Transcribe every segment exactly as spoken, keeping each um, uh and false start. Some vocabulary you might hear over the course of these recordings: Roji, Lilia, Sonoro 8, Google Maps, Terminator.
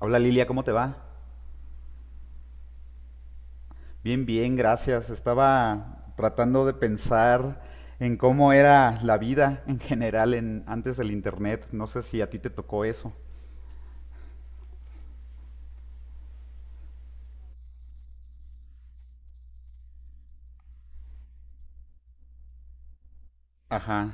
Hola Lilia, ¿cómo te va? Bien, bien, gracias. Estaba tratando de pensar en cómo era la vida en general en, antes del internet. No sé si a ti te tocó eso. Ajá.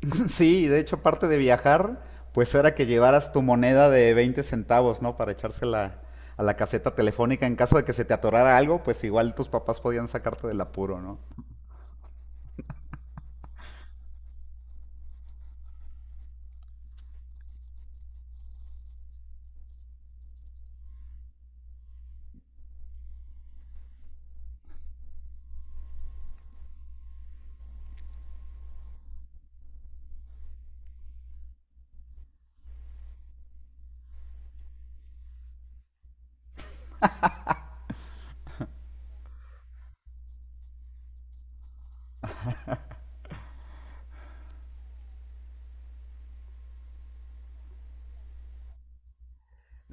Sí, de hecho, aparte de viajar, pues era que llevaras tu moneda de veinte centavos, ¿no? Para echársela a la caseta telefónica en caso de que se te atorara algo, pues igual tus papás podían sacarte del apuro, ¿no?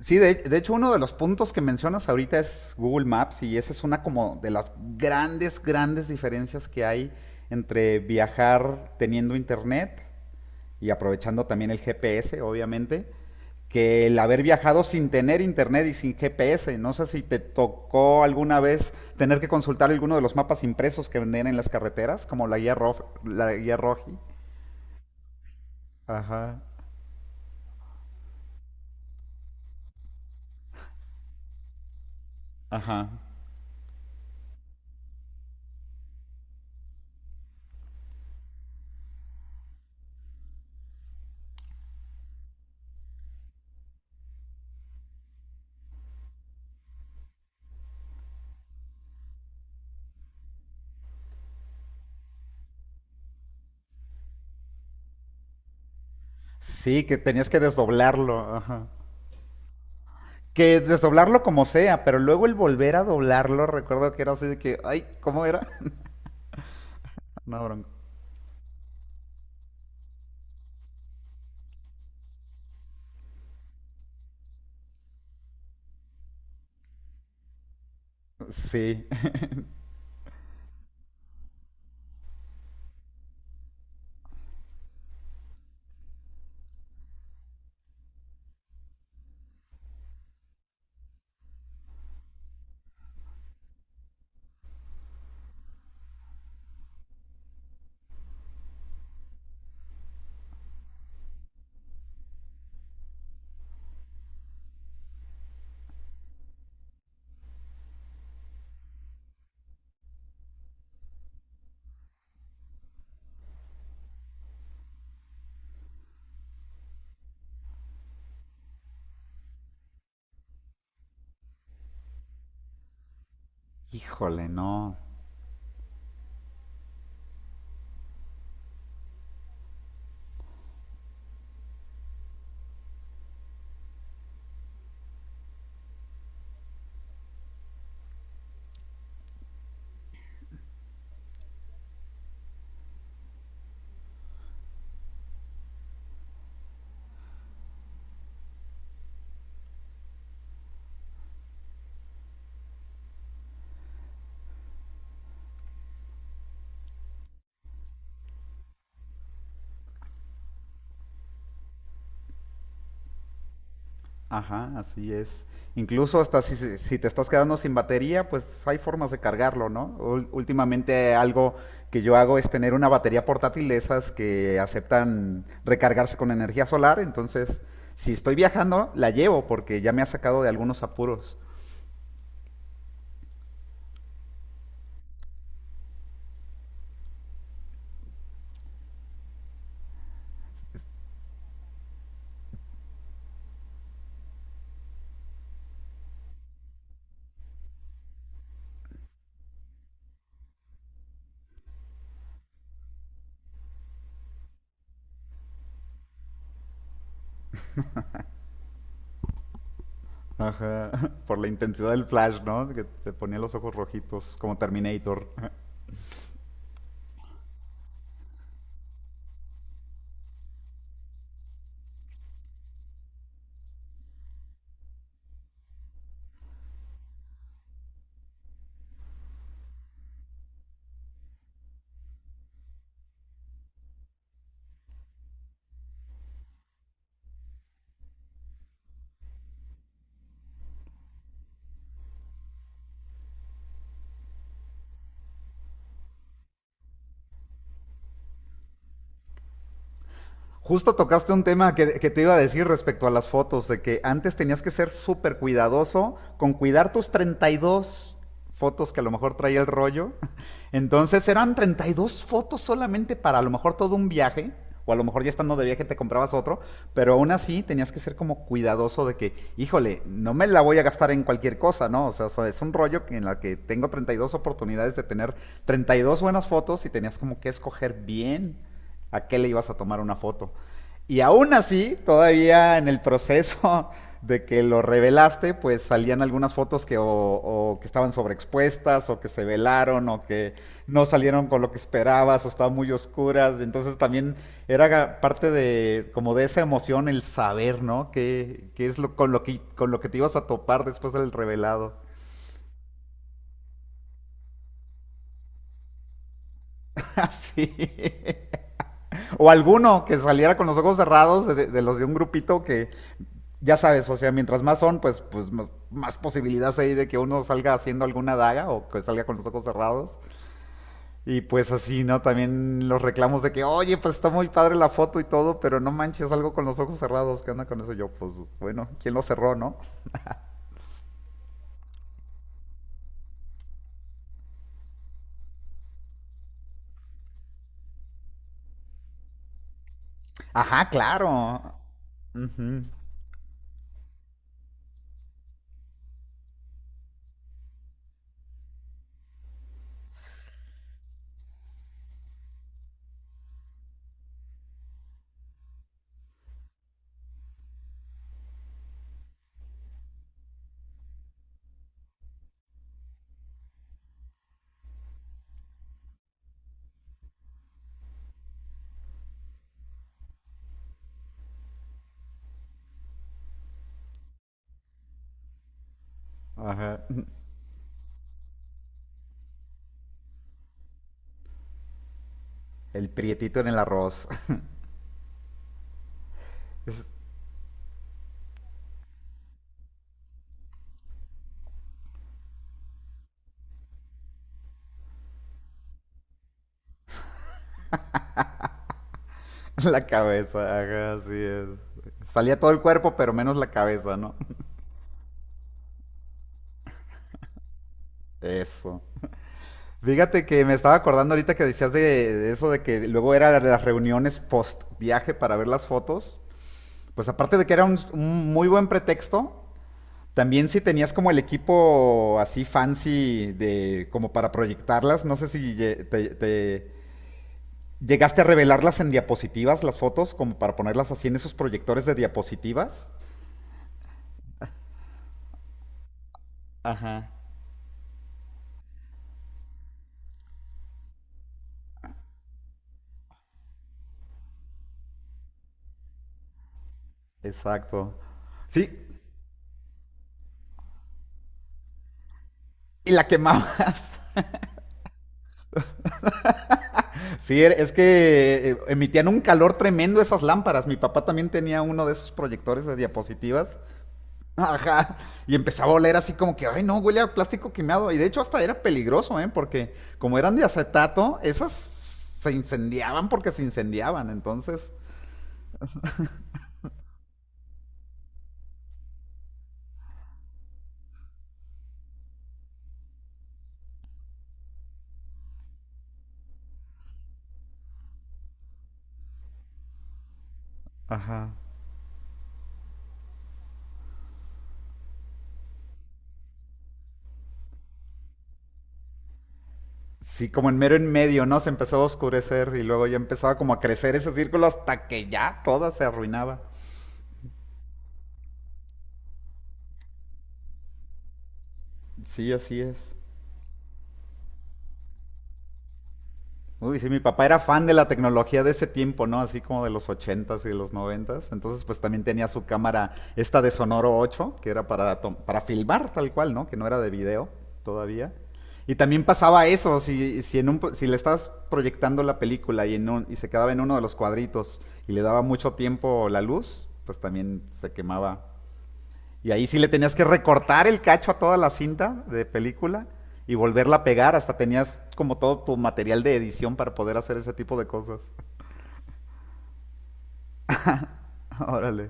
Sí, de, de hecho uno de los puntos que mencionas ahorita es Google Maps, y esa es una como de las grandes, grandes diferencias que hay entre viajar teniendo internet y aprovechando también el G P S, obviamente, que el haber viajado sin tener internet y sin G P S. No sé si te tocó alguna vez tener que consultar alguno de los mapas impresos que venden en las carreteras, como la guía, Rof- la guía Roji. Ajá, ajá. Sí, que tenías que desdoblarlo, ajá. Que desdoblarlo como sea, pero luego el volver a doblarlo, recuerdo que era así de que, ay, ¿cómo era? No, bronco. Sí. Híjole, no. Ajá, así es. Incluso hasta si, si si te estás quedando sin batería, pues hay formas de cargarlo, ¿no? Ul- Últimamente algo que yo hago es tener una batería portátil de esas que aceptan recargarse con energía solar, entonces si estoy viajando, la llevo porque ya me ha sacado de algunos apuros. Ajá, por la intensidad del flash, ¿no? Que te ponía los ojos rojitos, como Terminator. Justo tocaste un tema que, que, te iba a decir respecto a las fotos, de que antes tenías que ser súper cuidadoso con cuidar tus treinta y dos fotos que a lo mejor traía el rollo. Entonces eran treinta y dos fotos solamente para a lo mejor todo un viaje, o a lo mejor ya estando de viaje te comprabas otro, pero aún así tenías que ser como cuidadoso de que, híjole, no me la voy a gastar en cualquier cosa, ¿no? O sea, es un rollo en la que tengo treinta y dos oportunidades de tener treinta y dos buenas fotos, y tenías como que escoger bien a qué le ibas a tomar una foto. Y aún así, todavía en el proceso de que lo revelaste, pues salían algunas fotos que o, o que estaban sobreexpuestas, o que se velaron, o que no salieron con lo que esperabas, o estaban muy oscuras. Entonces también era parte de como de esa emoción el saber, ¿no? Que, qué es lo, con, lo que, con lo que te ibas a topar después del revelado. Así. O alguno que saliera con los ojos cerrados de, de los de un grupito que ya sabes, o sea, mientras más son, pues, pues más, más posibilidades hay de que uno salga haciendo alguna daga o que salga con los ojos cerrados. Y pues así, ¿no? También los reclamos de que, oye, pues está muy padre la foto y todo, pero no manches algo con los ojos cerrados. ¿Qué onda con eso? Yo, pues, bueno, ¿quién lo cerró, no? Ajá, claro. Ujú. Ajá. El prietito en el arroz. Es la cabeza, ajá, así es. Salía todo el cuerpo, pero menos la cabeza, ¿no? Eso. Fíjate que me estaba acordando ahorita que decías de, de eso de que luego era la- las reuniones post viaje para ver las fotos. Pues aparte de que era un, un muy buen pretexto, también si tenías como el equipo así fancy de como para proyectarlas, no sé si lle- te, te- llegaste a revelarlas en diapositivas, las fotos, como para ponerlas así en esos proyectores de diapositivas. Ajá. Exacto. Sí, y la quemaba. Sí, es que eh, emitían un calor tremendo esas lámparas. Mi papá también tenía uno de esos proyectores de diapositivas. Ajá. Y empezaba a oler así como que, ay, no, huele a plástico quemado. Y de hecho hasta era peligroso, ¿eh? Porque como eran de acetato, esas se incendiaban porque se incendiaban. Entonces, ajá. Sí, como en mero en medio, ¿no? Se empezó a oscurecer y luego ya empezaba como a crecer ese círculo hasta que ya toda se arruinaba. Sí, así es. Uy, sí, mi papá era fan de la tecnología de ese tiempo, ¿no? Así como de los ochentas y de los noventas. Entonces, pues también tenía su cámara, esta de Sonoro ocho, que era para, tom- para filmar tal cual, ¿no? Que no era de video todavía. Y también pasaba eso, si, si, en un, po- si le estabas proyectando la película y, en un- y se quedaba en uno de los cuadritos y le daba mucho tiempo la luz, pues también se quemaba, y ahí sí le tenías que recortar el cacho a toda la cinta de película y volverla a pegar. Hasta tenías como todo tu material de edición para poder hacer ese tipo de cosas. Órale.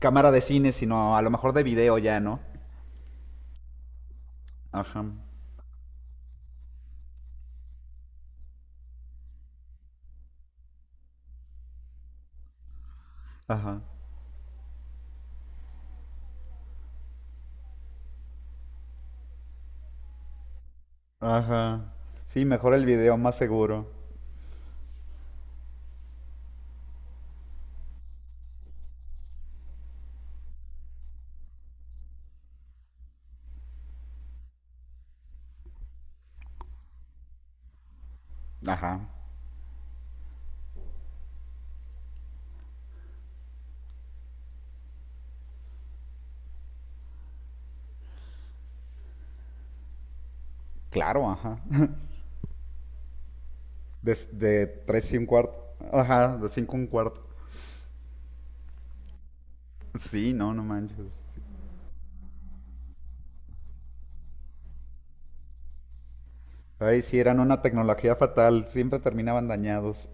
Cámara de cine, sino a lo mejor de video ya, ¿no? Ajá. Ajá. Ajá. Sí, mejor el video, más seguro. Ajá. Claro, ajá. De, de tres y un cuarto. Ajá, de cinco un cuarto. Sí, no, no manches. Ay, sí, eran una tecnología fatal. Siempre terminaban dañados.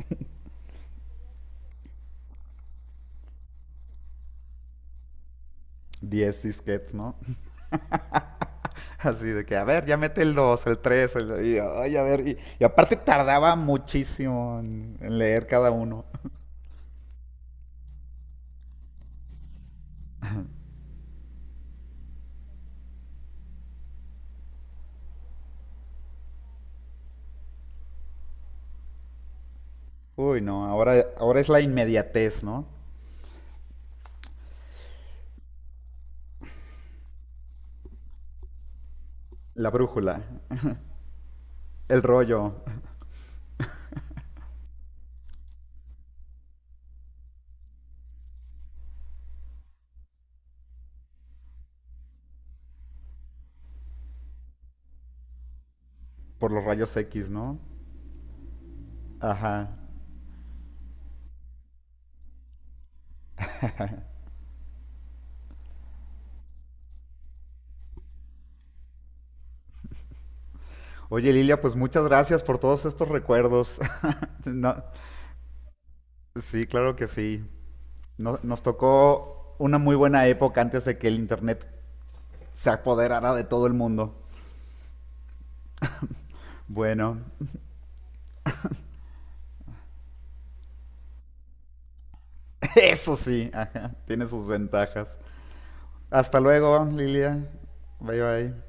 Diez disquets, ¿no? Así de que, a ver, ya mete el dos, el tres, el... Y, ay, a ver, y, y aparte tardaba muchísimo en, en leer cada uno. Uy, no, ahora, ahora es la inmediatez, ¿no? La brújula, el rollo, por los rayos equis, ¿no? Ajá. Oye, Lilia, pues muchas gracias por todos estos recuerdos. No, sí, claro que sí. No- nos tocó una muy buena época antes de que el Internet se apoderara de todo el mundo. Bueno, eso sí, ajá, tiene sus ventajas. Hasta luego, Lilia. Bye bye.